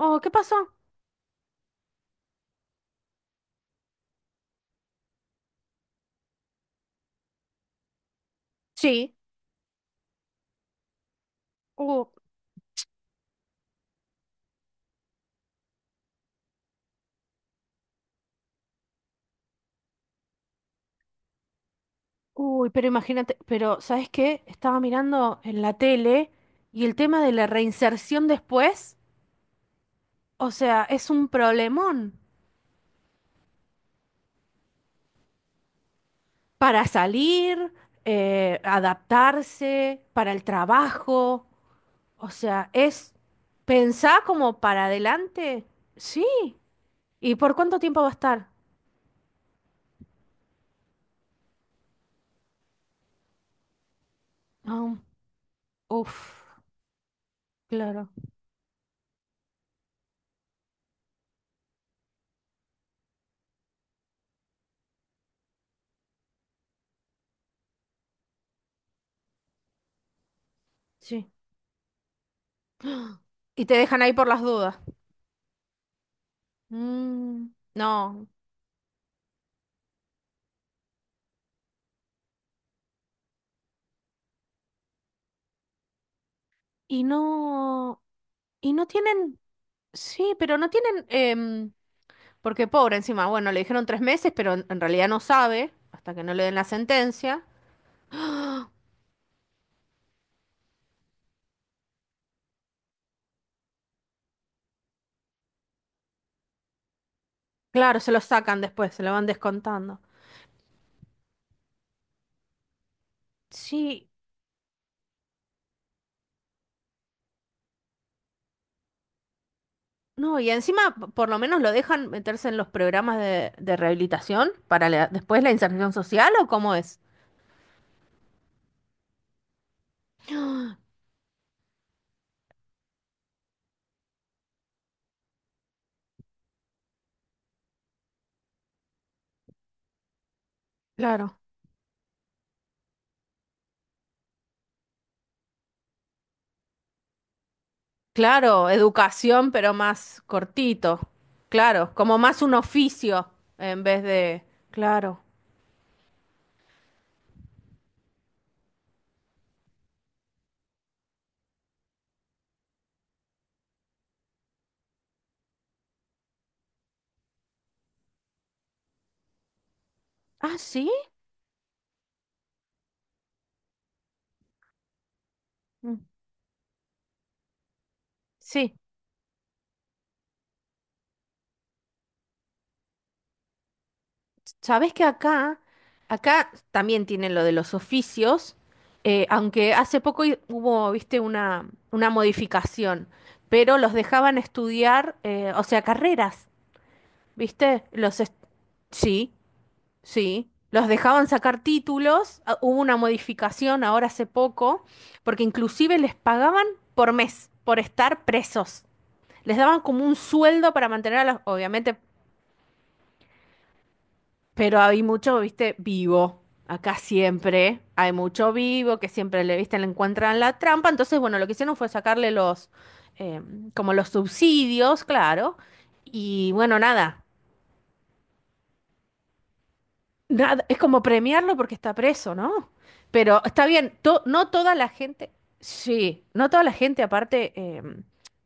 Oh, ¿qué pasó? Sí. Oh, uy, pero imagínate, pero ¿sabes qué? Estaba mirando en la tele y el tema de la reinserción después, o sea, es un problemón para salir, adaptarse, para el trabajo, o sea, es pensar como para adelante, sí. ¿Y por cuánto tiempo va a estar? Ah, uf, claro, sí. Y te dejan ahí por las dudas. Mm, no. Y no, y no tienen, sí, pero no tienen, porque pobre encima, bueno, le dijeron 3 meses, pero en realidad no sabe, hasta que no le den la sentencia. Claro, se lo sacan después, se lo van descontando. Sí, no, y encima por lo menos lo dejan meterse en los programas de rehabilitación para después la inserción social o cómo es. Claro. Claro, educación, pero más cortito. Claro, como más un oficio en vez de. Claro. Ah, sí. Sí, sabes que acá también tienen lo de los oficios, aunque hace poco hubo, viste, una modificación, pero los dejaban estudiar, o sea, carreras, viste, sí, sí, los dejaban sacar títulos, ah, hubo una modificación ahora hace poco, porque inclusive les pagaban por mes, por estar presos. Les daban como un sueldo para mantener a los, obviamente. Pero hay mucho, viste, vivo. Acá siempre hay mucho vivo que siempre le, viste, le encuentran la trampa. Entonces, bueno, lo que hicieron fue sacarle los, eh, como los subsidios, claro. Y bueno, nada. Nada, es como premiarlo porque está preso, ¿no? Pero está bien, no toda la gente, sí, no toda la gente aparte,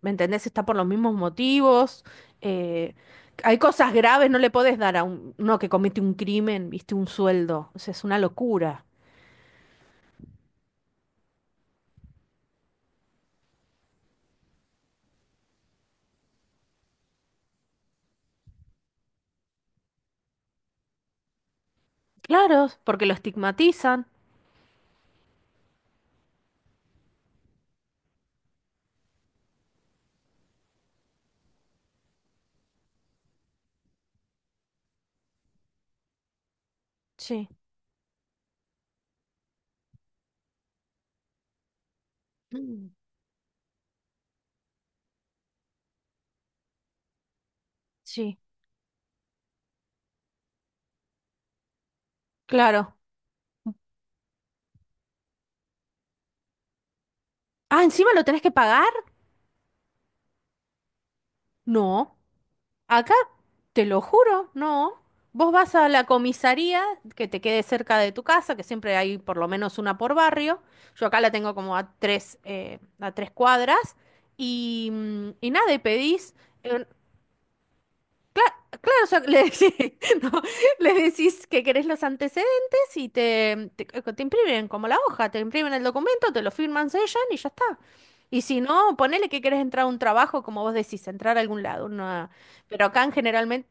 ¿me entendés? Está por los mismos motivos. eh, hay cosas graves, no le podés dar a uno que comete un crimen, viste, un sueldo. O sea, es una locura. Claro, porque lo estigmatizan. Sí. Mm. Sí, claro. Ah, encima lo tenés que pagar. No. Acá, te lo juro, no. Vos vas a la comisaría que te quede cerca de tu casa, que siempre hay por lo menos una por barrio. Yo acá la tengo como a 3 cuadras. Y nada, y pedís. eh, Claro, claro, o sea, le, sí, no, le decís que querés los antecedentes y te imprimen como la hoja, te imprimen el documento, te lo firman, sellan y ya está. Y si no, ponele que querés entrar a un trabajo, como vos decís, entrar a algún lado. Pero acá en generalmente,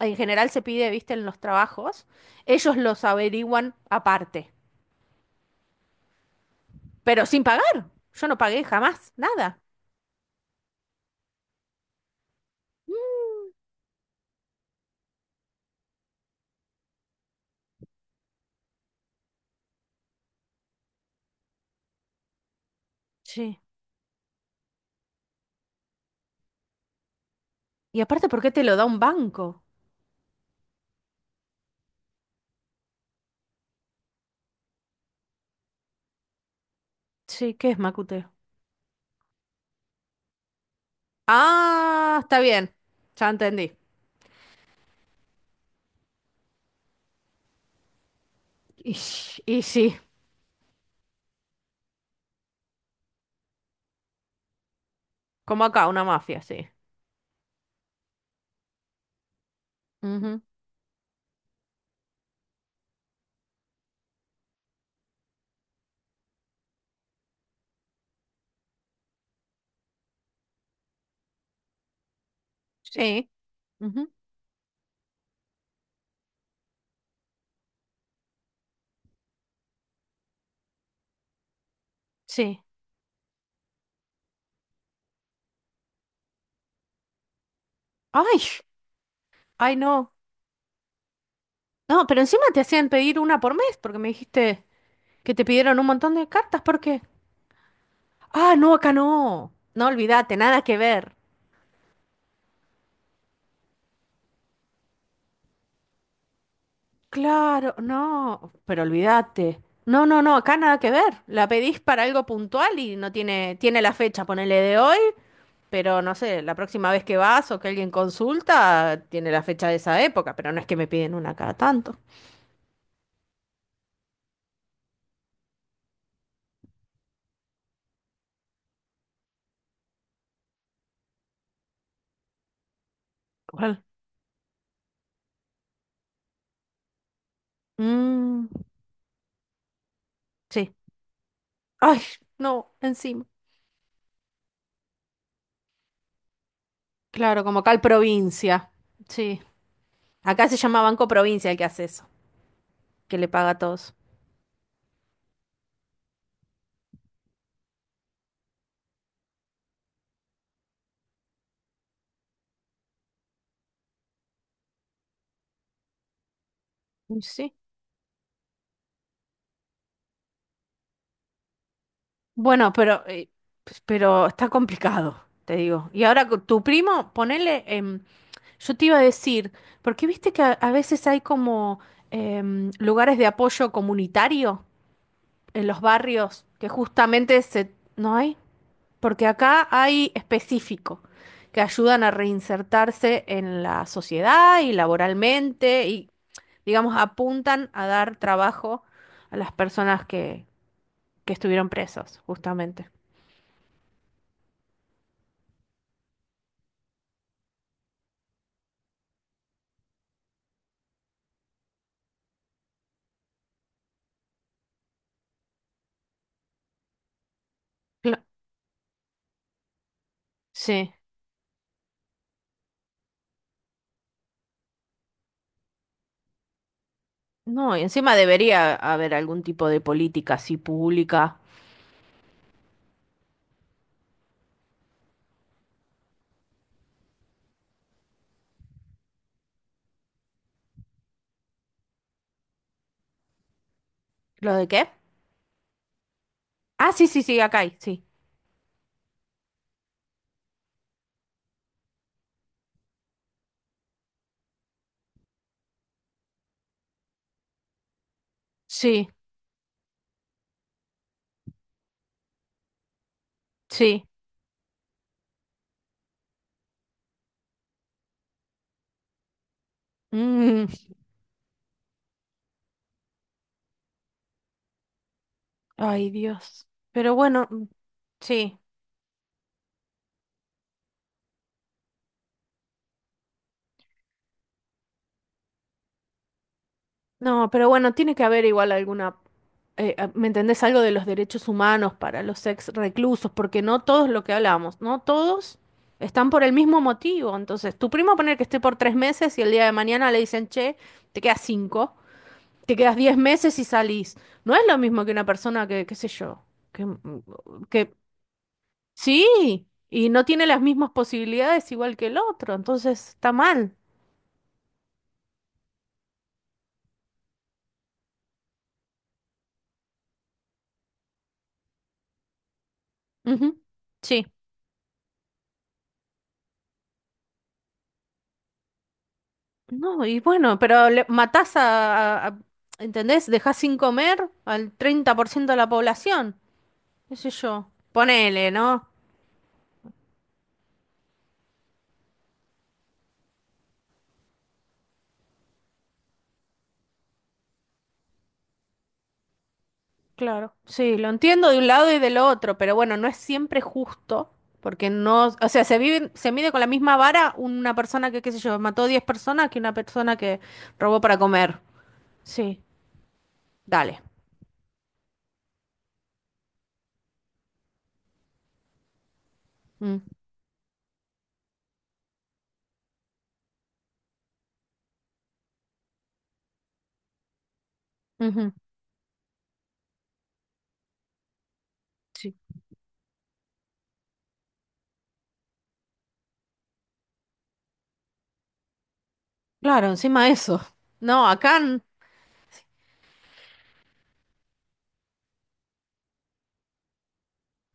en general se pide, viste, en los trabajos, ellos los averiguan aparte, pero sin pagar. Yo no pagué jamás, nada. Sí. Y aparte, ¿por qué te lo da un banco? Sí, ¿qué es Macute? Ah, está bien. Ya entendí. Y sí. Como acá, una mafia, sí. Ujú. Sí. Ujú. Sí. Ay, ay, no. No, pero encima te hacían pedir una por mes porque me dijiste que te pidieron un montón de cartas. ¿Por qué? Ah, no, acá no. No, olvídate, nada que ver. Claro, no, pero olvídate. No, no, no, acá nada que ver. La pedís para algo puntual y no tiene, tiene la fecha, ponele de hoy, pero no sé, la próxima vez que vas o que alguien consulta, tiene la fecha de esa época, pero no es que me piden una cada tanto. ¿Cuál? Mm, sí. Ay, no, encima. Claro, como acá el provincia. Sí. Acá se llama Banco Provincia el que hace eso, que le paga a todos. Y sí. Bueno, pero, pues, pero está complicado, te digo. Y ahora con tu primo, ponele, yo te iba a decir, porque viste que a veces hay como lugares de apoyo comunitario en los barrios que justamente se. ¿No hay? Porque acá hay específico, que ayudan a reinsertarse en la sociedad y laboralmente y, digamos, apuntan a dar trabajo a las personas que estuvieron presos, justamente. Cla- Sí. No, y encima debería haber algún tipo de política así pública. ¿Lo de qué? Ah, sí, sí, sí, acá hay, sí. Sí, sí. Mm, ay, Dios. Pero bueno, mm, sí. No, pero bueno, tiene que haber igual alguna, ¿me entendés? Algo de los derechos humanos para los ex reclusos, porque no todos lo que hablamos, no todos están por el mismo motivo. Entonces, tu primo poner que esté por 3 meses y el día de mañana le dicen, che, te quedas cinco, te quedas 10 meses y salís. No es lo mismo que una persona que, qué sé yo, que sí, y no tiene las mismas posibilidades igual que el otro, entonces está mal. Ujú. Sí. No, y bueno, pero matás ¿entendés? Dejás sin comer al 30% de la población, qué sé yo. Ponele, ¿no? Claro. Sí, lo entiendo de un lado y del otro, pero bueno, no es siempre justo, porque no, o sea, se vive, se mide con la misma vara una persona que, qué sé yo, mató 10 personas que una persona que robó para comer. Sí, dale. Mm, ujú, sí. Claro, encima eso. No, acá.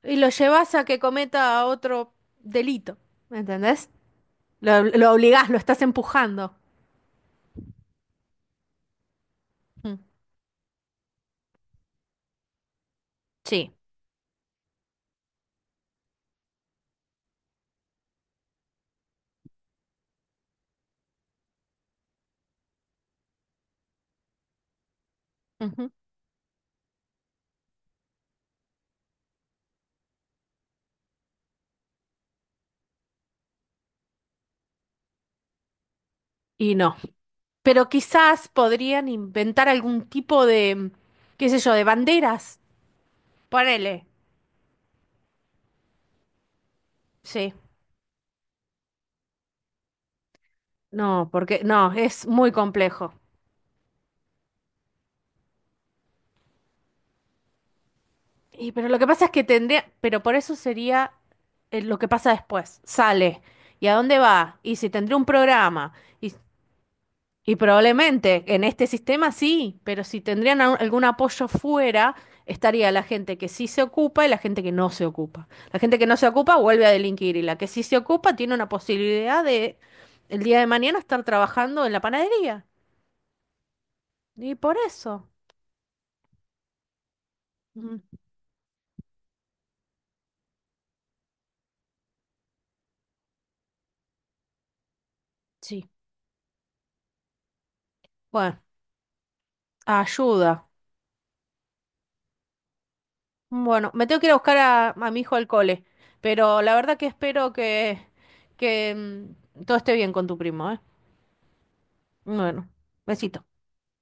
Y lo llevas a que cometa otro delito, ¿me entendés? Lo obligás, lo estás empujando. Mm. Sí. Ujú. Y no. Pero quizás podrían inventar algún tipo de, qué sé yo, de banderas. Ponele. Sí. No, porque no, es muy complejo. Y pero lo que pasa es que tendría, pero por eso sería lo que pasa después. Sale. ¿Y a dónde va? Y si tendría un programa. Y Y probablemente en este sistema sí, pero si tendrían algún apoyo fuera, estaría la gente que sí se ocupa y la gente que no se ocupa. La gente que no se ocupa vuelve a delinquir y la que sí se ocupa tiene una posibilidad de el día de mañana estar trabajando en la panadería. Y por eso. Mm, sí. Bueno, ayuda. Bueno, me tengo que ir a buscar a mi hijo al cole, pero la verdad que espero que, que todo esté bien con tu primo, ¿eh? Bueno, besito.